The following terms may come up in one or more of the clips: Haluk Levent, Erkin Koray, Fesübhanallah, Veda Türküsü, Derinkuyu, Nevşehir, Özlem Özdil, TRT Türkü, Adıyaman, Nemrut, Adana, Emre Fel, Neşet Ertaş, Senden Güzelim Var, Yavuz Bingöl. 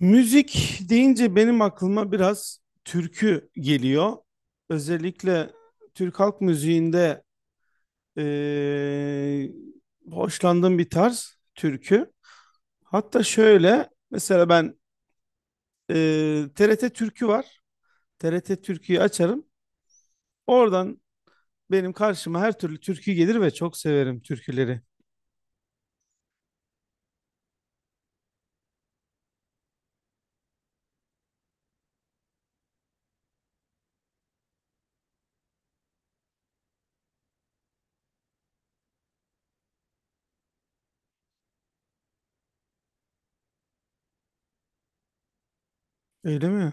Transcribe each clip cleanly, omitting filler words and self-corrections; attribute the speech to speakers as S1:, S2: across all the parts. S1: Müzik deyince benim aklıma biraz türkü geliyor. Özellikle Türk halk müziğinde eee, hoşlandığım bir tarz türkü. Hatta şöyle mesela ben TRT Türkü var. TRT Türkü'yü açarım. Oradan benim karşıma her türlü türkü gelir ve çok severim türküleri. Öyle mi?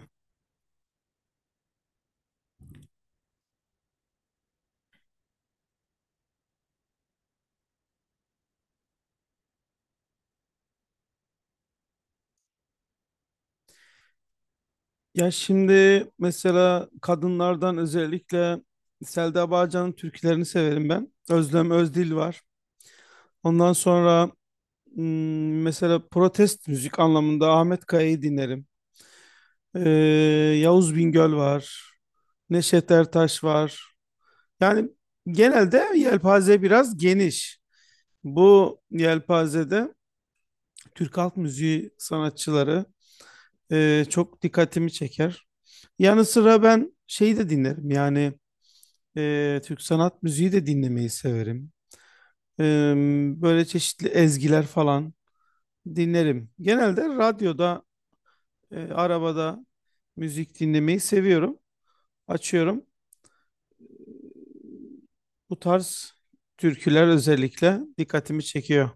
S1: Ya şimdi mesela kadınlardan özellikle Selda Bağcan'ın türkülerini severim ben. Özlem Özdil var. Ondan sonra mesela protest müzik anlamında Ahmet Kaya'yı dinlerim. Ee, Yavuz Bingöl var. Neşet Ertaş var. Yani genelde yelpaze biraz geniş. Bu yelpazede Türk halk müziği sanatçıları çok dikkatimi çeker. Yanı sıra ben şeyi de dinlerim, yani Türk sanat müziği de dinlemeyi severim. Ee, böyle çeşitli ezgiler falan dinlerim. Genelde radyoda, arabada müzik dinlemeyi seviyorum. Açıyorum. Bu tarz türküler özellikle dikkatimi çekiyor.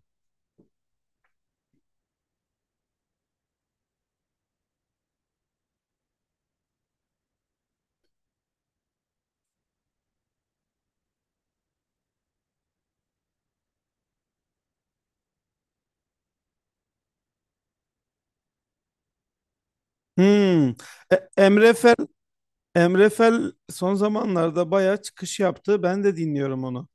S1: Hmm. E- Emre Fer Emre Fel son zamanlarda bayağı çıkış yaptı. Ben de dinliyorum onu.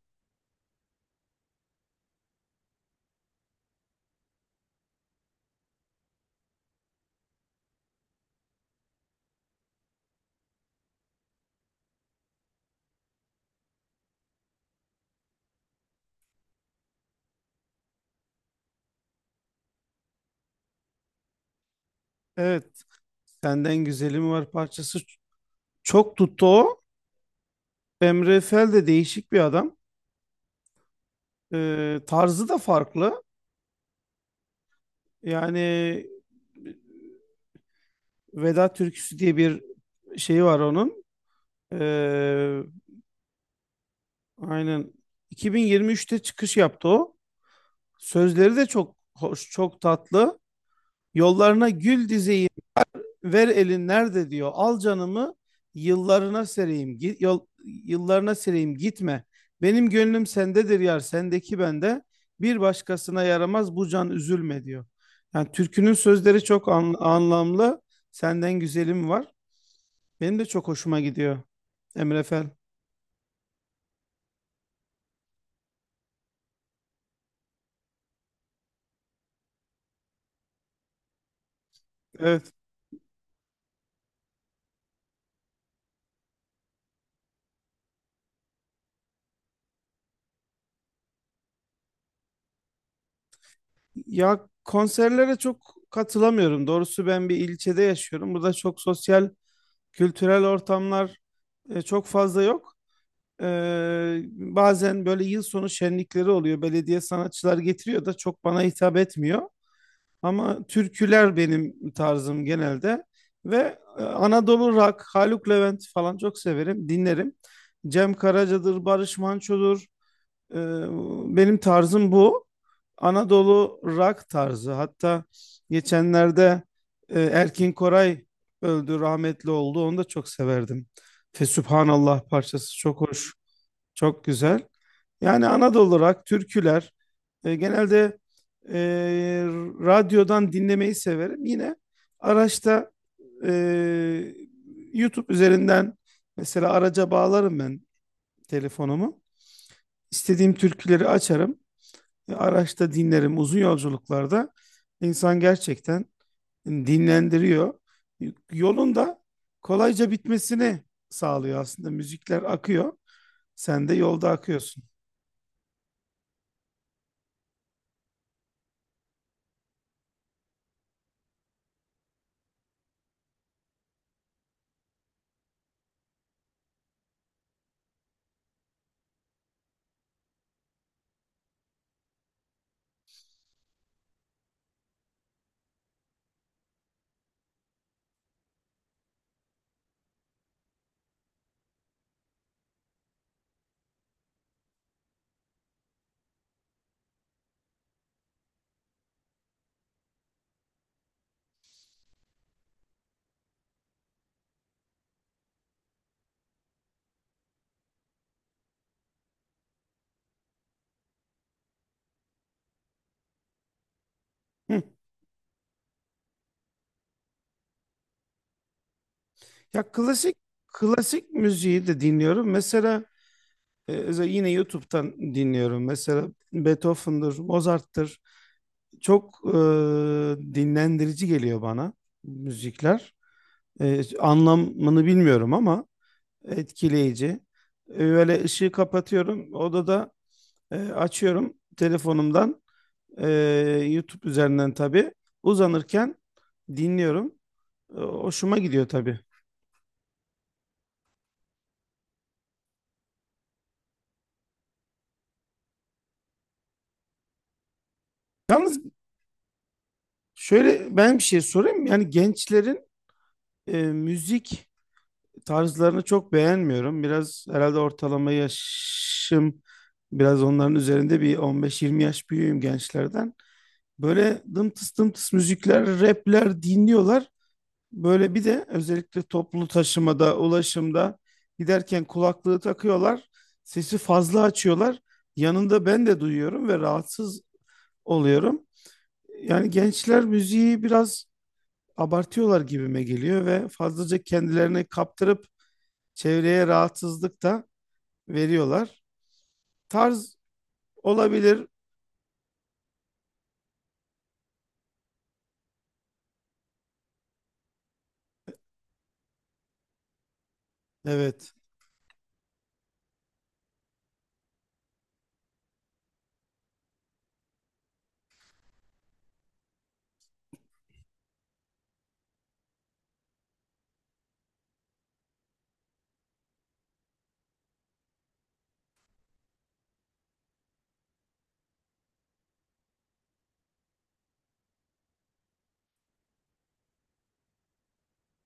S1: Evet, Senden Güzelim Var parçası çok tuttu o. Emre Fel de değişik bir adam. Tarzı da farklı. Yani Veda Türküsü diye bir şey var onun. Ee, aynen 2023'te çıkış yaptı o. Sözleri de çok hoş, çok tatlı. Yollarına gül dizeyim, ver elin nerede diyor. Al canımı yıllarına sereyim. Git, yol, yıllarına sereyim gitme. Benim gönlüm sendedir yar, sendeki bende. Bir başkasına yaramaz bu can, üzülme diyor. Yani türkünün sözleri çok anlamlı. Senden güzelim var. Benim de çok hoşuma gidiyor Emre Fel. Evet. Ya konserlere çok katılamıyorum. Doğrusu ben bir ilçede yaşıyorum. Burada çok sosyal, kültürel ortamlar çok fazla yok. Bazen böyle yıl sonu şenlikleri oluyor. Belediye sanatçılar getiriyor da çok bana hitap etmiyor. Ama türküler benim tarzım genelde. Ve Anadolu rock, Haluk Levent falan çok severim, dinlerim. Cem Karaca'dır, Barış Manço'dur. Ee, benim tarzım bu. Anadolu rock tarzı. Hatta geçenlerde Erkin Koray öldü, rahmetli oldu. Onu da çok severdim. Fesübhanallah parçası çok hoş. Çok güzel. Yani Anadolu rock, türküler. Genelde e, radyodan dinlemeyi severim. Yine araçta e, YouTube üzerinden mesela araca bağlarım ben telefonumu. İstediğim türküleri açarım. Araçta dinlerim. Uzun yolculuklarda insan gerçekten dinlendiriyor. Yolunda kolayca bitmesini sağlıyor aslında. Müzikler akıyor. Sen de yolda akıyorsun. Ya klasik müziği de dinliyorum. Mesela yine YouTube'dan dinliyorum. Mesela Beethoven'dır, Mozart'tır. Çok dinlendirici geliyor bana müzikler. Anlamını bilmiyorum ama etkileyici. Böyle ışığı kapatıyorum. Odada açıyorum telefonumdan. e, YouTube üzerinden tabii. Uzanırken dinliyorum. Hoşuma gidiyor tabii. Yalnız, şöyle ben bir şey sorayım. Yani gençlerin müzik tarzlarını çok beğenmiyorum. Biraz herhalde ortalama yaşım biraz onların üzerinde, bir 15-20 yaş büyüğüm gençlerden. Böyle dımtıs dımtıs müzikler, rapler dinliyorlar. Böyle bir de özellikle toplu taşımada, ulaşımda giderken kulaklığı takıyorlar. Sesi fazla açıyorlar. Yanında ben de duyuyorum ve rahatsız oluyorum. Yani gençler müziği biraz abartıyorlar gibime geliyor ve fazlaca kendilerini kaptırıp çevreye rahatsızlık da veriyorlar. Tarz olabilir. Evet.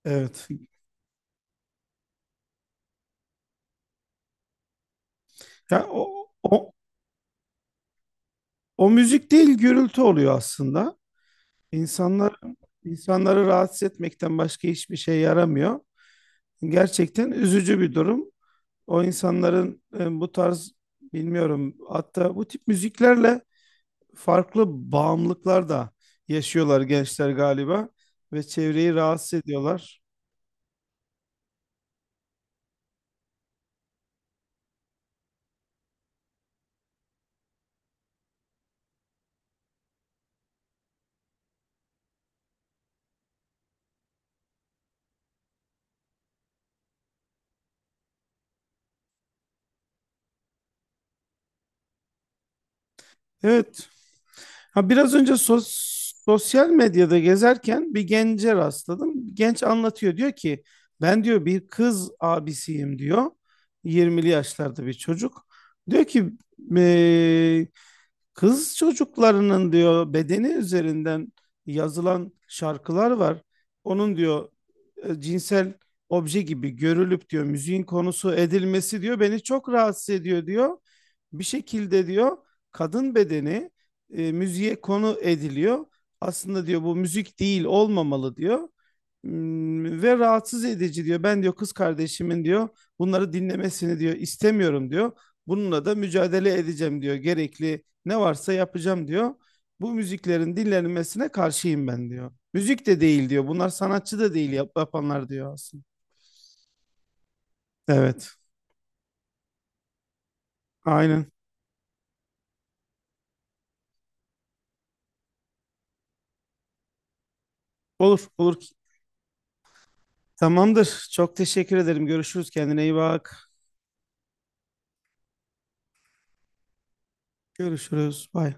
S1: Evet. Ya o müzik değil, gürültü oluyor aslında. İnsanlar insanları rahatsız etmekten başka hiçbir şey yaramıyor. Gerçekten üzücü bir durum. O insanların bu tarz, bilmiyorum, hatta bu tip müziklerle farklı bağımlılıklar da yaşıyorlar gençler galiba ve çevreyi rahatsız ediyorlar. Evet. Ha, biraz önce sosyal medyada gezerken bir gence rastladım. Genç anlatıyor, diyor ki ben diyor bir kız abisiyim diyor. 20'li yaşlarda bir çocuk. Diyor ki: "Eee, kız çocuklarının diyor bedeni üzerinden yazılan şarkılar var. Onun diyor cinsel obje gibi görülüp diyor müziğin konusu edilmesi diyor beni çok rahatsız ediyor diyor. Bir şekilde diyor kadın bedeni müziğe konu ediliyor. Aslında diyor bu müzik değil, olmamalı diyor. Ve rahatsız edici diyor. Ben diyor kız kardeşimin diyor bunları dinlemesini diyor istemiyorum diyor. Bununla da mücadele edeceğim diyor. Gerekli ne varsa yapacağım diyor. Bu müziklerin dinlenmesine karşıyım ben diyor. Müzik de değil diyor. Bunlar sanatçı da değil yapanlar diyor aslında. Evet. Aynen. Olur, olur. Tamamdır. Çok teşekkür ederim. Görüşürüz. Kendine iyi bak. Görüşürüz. Bay.